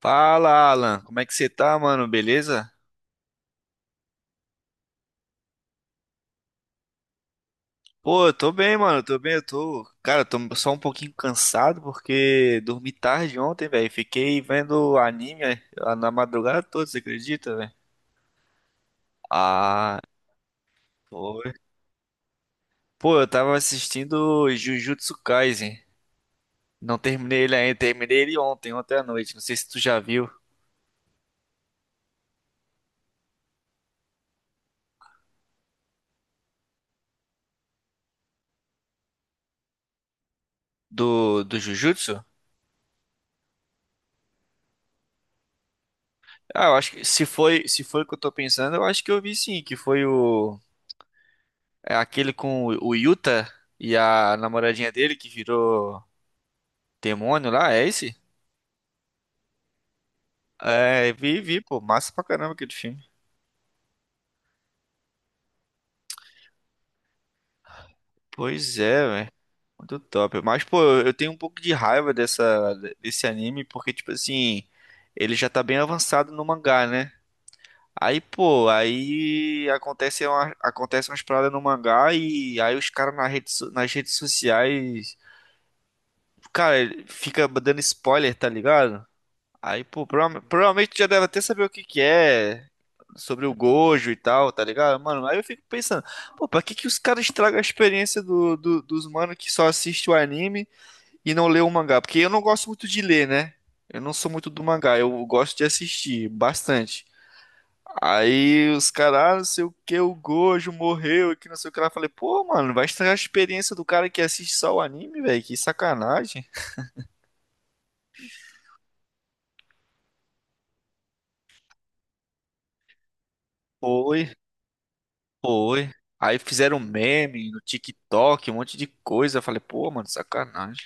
Fala, Alan. Como é que você tá, mano? Beleza? Pô, eu tô bem, mano. Eu tô bem. Eu tô, cara, eu tô só um pouquinho cansado porque dormi tarde ontem, velho. Fiquei vendo anime na madrugada toda, você acredita, velho? Ah, foi. Pô, eu tava assistindo Jujutsu Kaisen. Não terminei ele ainda. Terminei ele ontem à noite. Não sei se tu já viu do Jujutsu. Ah, eu acho que se foi o que eu tô pensando, eu acho que eu vi sim, que foi o… É aquele com o Yuta e a namoradinha dele que virou demônio lá, é esse? É, vi, pô, massa pra caramba aquele filme. Pois é, velho. Muito top. Mas, pô, eu tenho um pouco de raiva desse anime, porque, tipo assim, ele já tá bem avançado no mangá, né? Aí, pô, aí acontece umas paradas no mangá e aí os caras na nas redes sociais, cara, ele fica dando spoiler, tá ligado? Aí, pô, provavelmente já deve até saber o que que é sobre o Gojo e tal, tá ligado? Mano, aí eu fico pensando, pô, pra que que os caras estragam a experiência dos mano que só assiste o anime e não lê o mangá? Porque eu não gosto muito de ler, né? Eu não sou muito do mangá, eu gosto de assistir bastante. Aí os caras, ah, não sei o que, o Gojo morreu e que não sei o que lá. Eu falei, pô, mano, vai estragar a experiência do cara que assiste só o anime, velho? Que sacanagem. Foi. Foi. Aí fizeram meme no TikTok, um monte de coisa. Eu falei, pô, mano, sacanagem.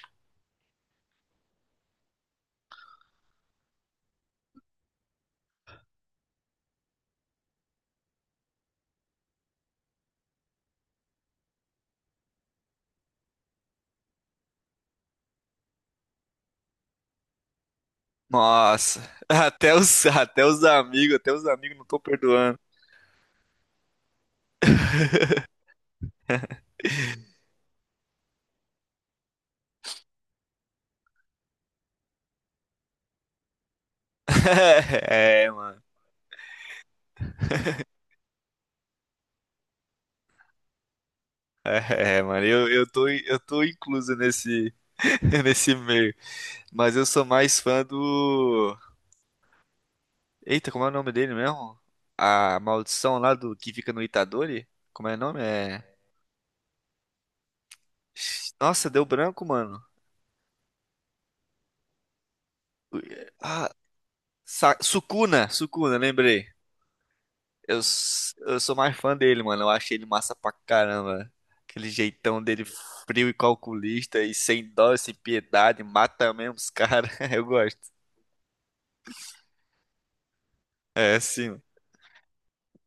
Nossa, até os amigos não tô perdoando. É, mano. É, mano, eu tô incluso nesse, nesse meio. Mas eu sou mais fã do. Eita, como é o nome dele mesmo? A maldição lá do que fica no Itadori? Como é o nome? É. Nossa, deu branco, mano. Ah, Sukuna, lembrei. Eu sou mais fã dele, mano. Eu acho ele massa pra caramba. Aquele jeitão dele frio e calculista e sem dó, sem piedade, mata mesmo os caras. Eu gosto. É, sim.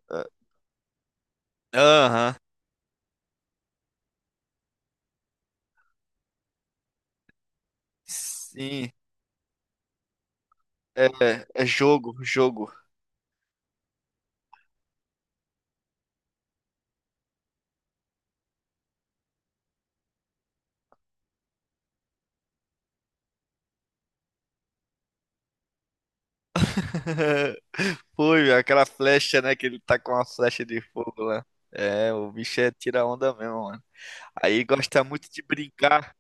Ah. Aham. Sim. É, jogo. Foi, velho, aquela flecha, né? Que ele tá com uma flecha de fogo lá. É, o bicho é tira onda mesmo, mano. Aí gosta muito de brincar.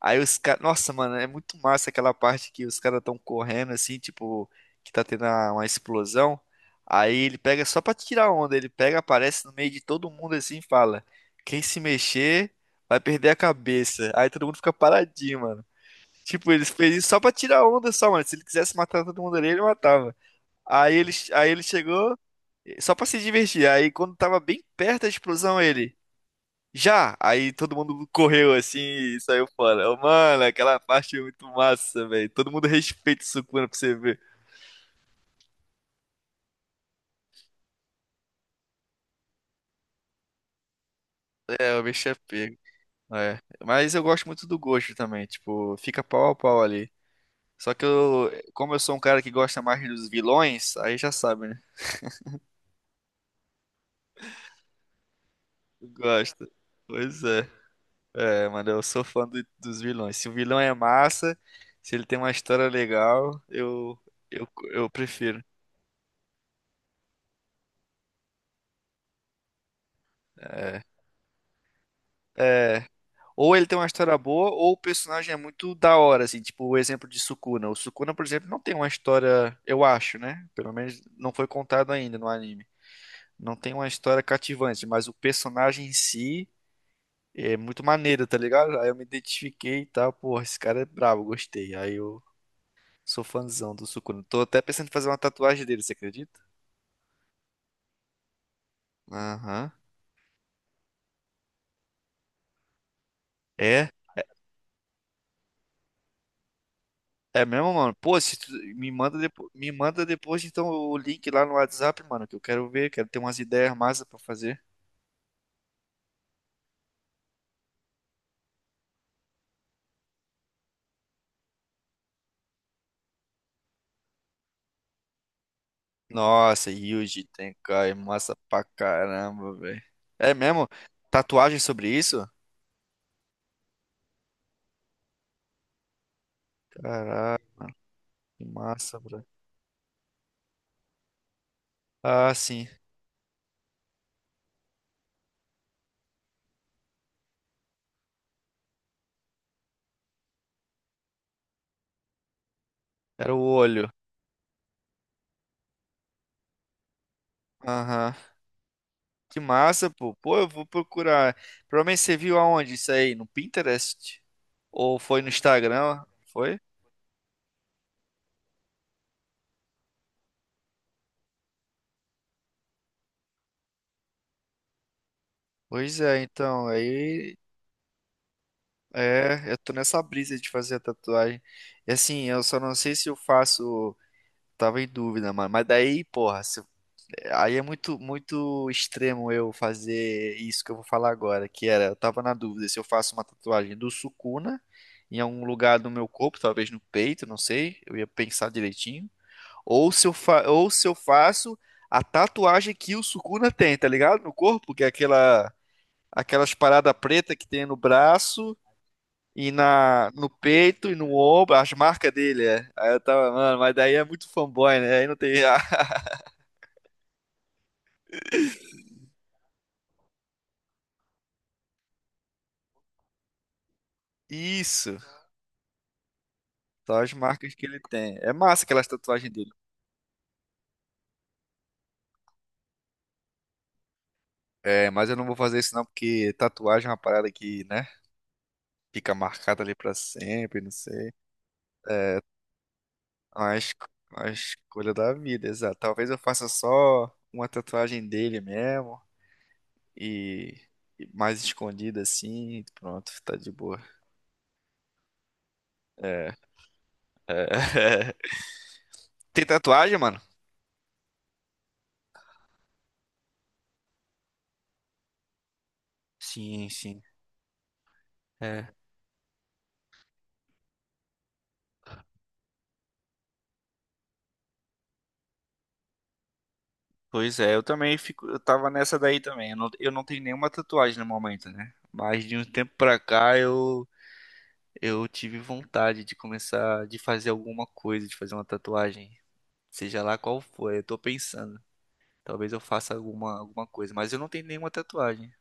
Aí os caras. Nossa, mano, é muito massa aquela parte que os caras estão correndo assim, tipo, que tá tendo uma explosão. Aí ele pega só pra tirar onda, ele pega, aparece no meio de todo mundo assim e fala: Quem se mexer vai perder a cabeça. Aí todo mundo fica paradinho, mano. Tipo, ele fez isso só pra tirar onda, só, mano. Se ele quisesse matar todo mundo ali, ele matava. Aí ele chegou só pra se divertir. Aí quando tava bem perto da explosão, ele. Já! Aí todo mundo correu assim e saiu fora. Eu, mano, aquela parte é muito massa, velho. Todo mundo respeita o Sukuna pra você ver. É, o bicho é pego. É. Mas eu gosto muito do Gojo também. Tipo, fica pau a pau ali. Só que eu, como eu sou um cara que gosta mais dos vilões, aí já sabe, né? Eu gosto. Pois é. É, mano, eu sou fã dos vilões. Se o vilão é massa, se ele tem uma história legal, eu prefiro. É. É. Ou ele tem uma história boa, ou o personagem é muito da hora, assim, tipo o exemplo de Sukuna. O Sukuna, por exemplo, não tem uma história, eu acho, né? Pelo menos não foi contado ainda no anime. Não tem uma história cativante, mas o personagem em si é muito maneiro, tá ligado? Aí eu me identifiquei e tal, porra, esse cara é brabo, gostei. Aí eu sou fãzão do Sukuna. Tô até pensando em fazer uma tatuagem dele, você acredita? Aham. É? É mesmo, mano? Pô, se tu me manda depois então o link lá no WhatsApp, mano, que eu quero ver, quero ter umas ideias massa pra fazer. Nossa, Yuji Tenkai, massa pra caramba, velho. É mesmo? Tatuagem sobre isso? Caraca, que massa, bro. Ah, sim. Era o olho. Aham. Que massa, pô. Pô, eu vou procurar. Provavelmente você viu aonde isso aí? No Pinterest? Ou foi no Instagram? Foi? Pois é, então, aí… É, eu tô nessa brisa de fazer a tatuagem. E assim, eu só não sei se eu faço. Tava em dúvida, mano. Mas daí, porra, se- aí é muito extremo eu fazer isso que eu vou falar agora, que era, eu tava na dúvida se eu faço uma tatuagem do Sukuna em algum lugar do meu corpo, talvez no peito, não sei. Eu ia pensar direitinho. Ou se eu faço a tatuagem que o Sukuna tem, tá ligado? No corpo, que é aquelas paradas preta que tem no braço e no peito e no ombro, as marcas dele, é. Aí eu tava, mano, mas daí é muito fanboy, né? Aí não tem. Isso, só as marcas que ele tem. É massa aquelas tatuagens dele. É, mas eu não vou fazer isso não, porque tatuagem é uma parada que, né? Fica marcada ali pra sempre, não sei. Uma escolha da vida, exato. Talvez eu faça só uma tatuagem dele mesmo e. Mais escondida assim, pronto, tá de boa. É, é. Tem tatuagem, mano? Sim, sim. É. Pois é, eu também fico, eu tava nessa daí também. Eu não tenho nenhuma tatuagem no momento, né? Mas de um tempo pra cá eu tive vontade de começar de fazer alguma coisa, de fazer uma tatuagem, seja lá qual for. Eu tô pensando, talvez eu faça alguma coisa, mas eu não tenho nenhuma tatuagem.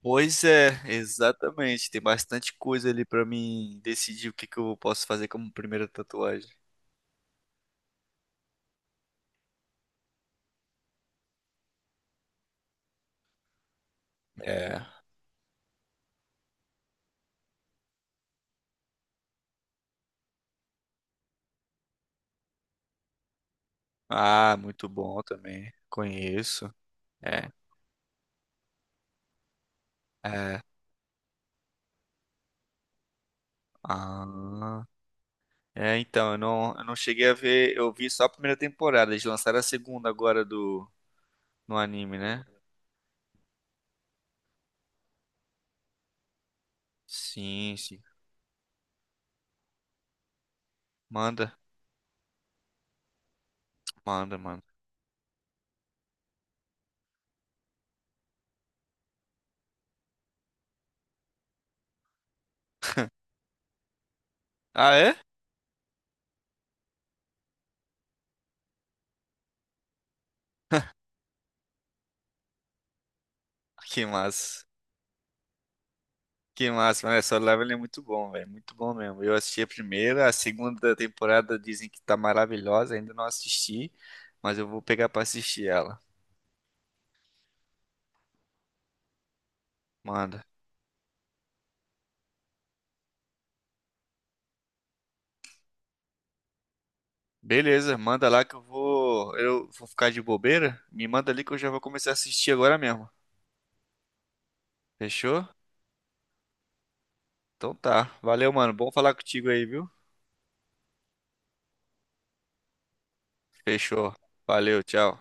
Pois é, exatamente. Tem bastante coisa ali pra mim decidir o que que eu posso fazer como primeira tatuagem. É. Ah, muito bom também. Conheço. É. É. Ah, é, então, eu não cheguei a ver, eu vi só a primeira temporada, eles lançaram a segunda agora do, no anime, né? Sim, sim. Manda, manda, manda. Ah, é? Que massa. Que massa, mas Solo Level é muito bom, velho, muito bom mesmo. Eu assisti a primeira, a segunda temporada dizem que tá maravilhosa, ainda não assisti, mas eu vou pegar pra assistir ela. Manda. Beleza, manda lá que eu vou ficar de bobeira, me manda ali que eu já vou começar a assistir agora mesmo. Fechou? Então tá. Valeu, mano. Bom falar contigo aí, viu? Fechou. Valeu, tchau.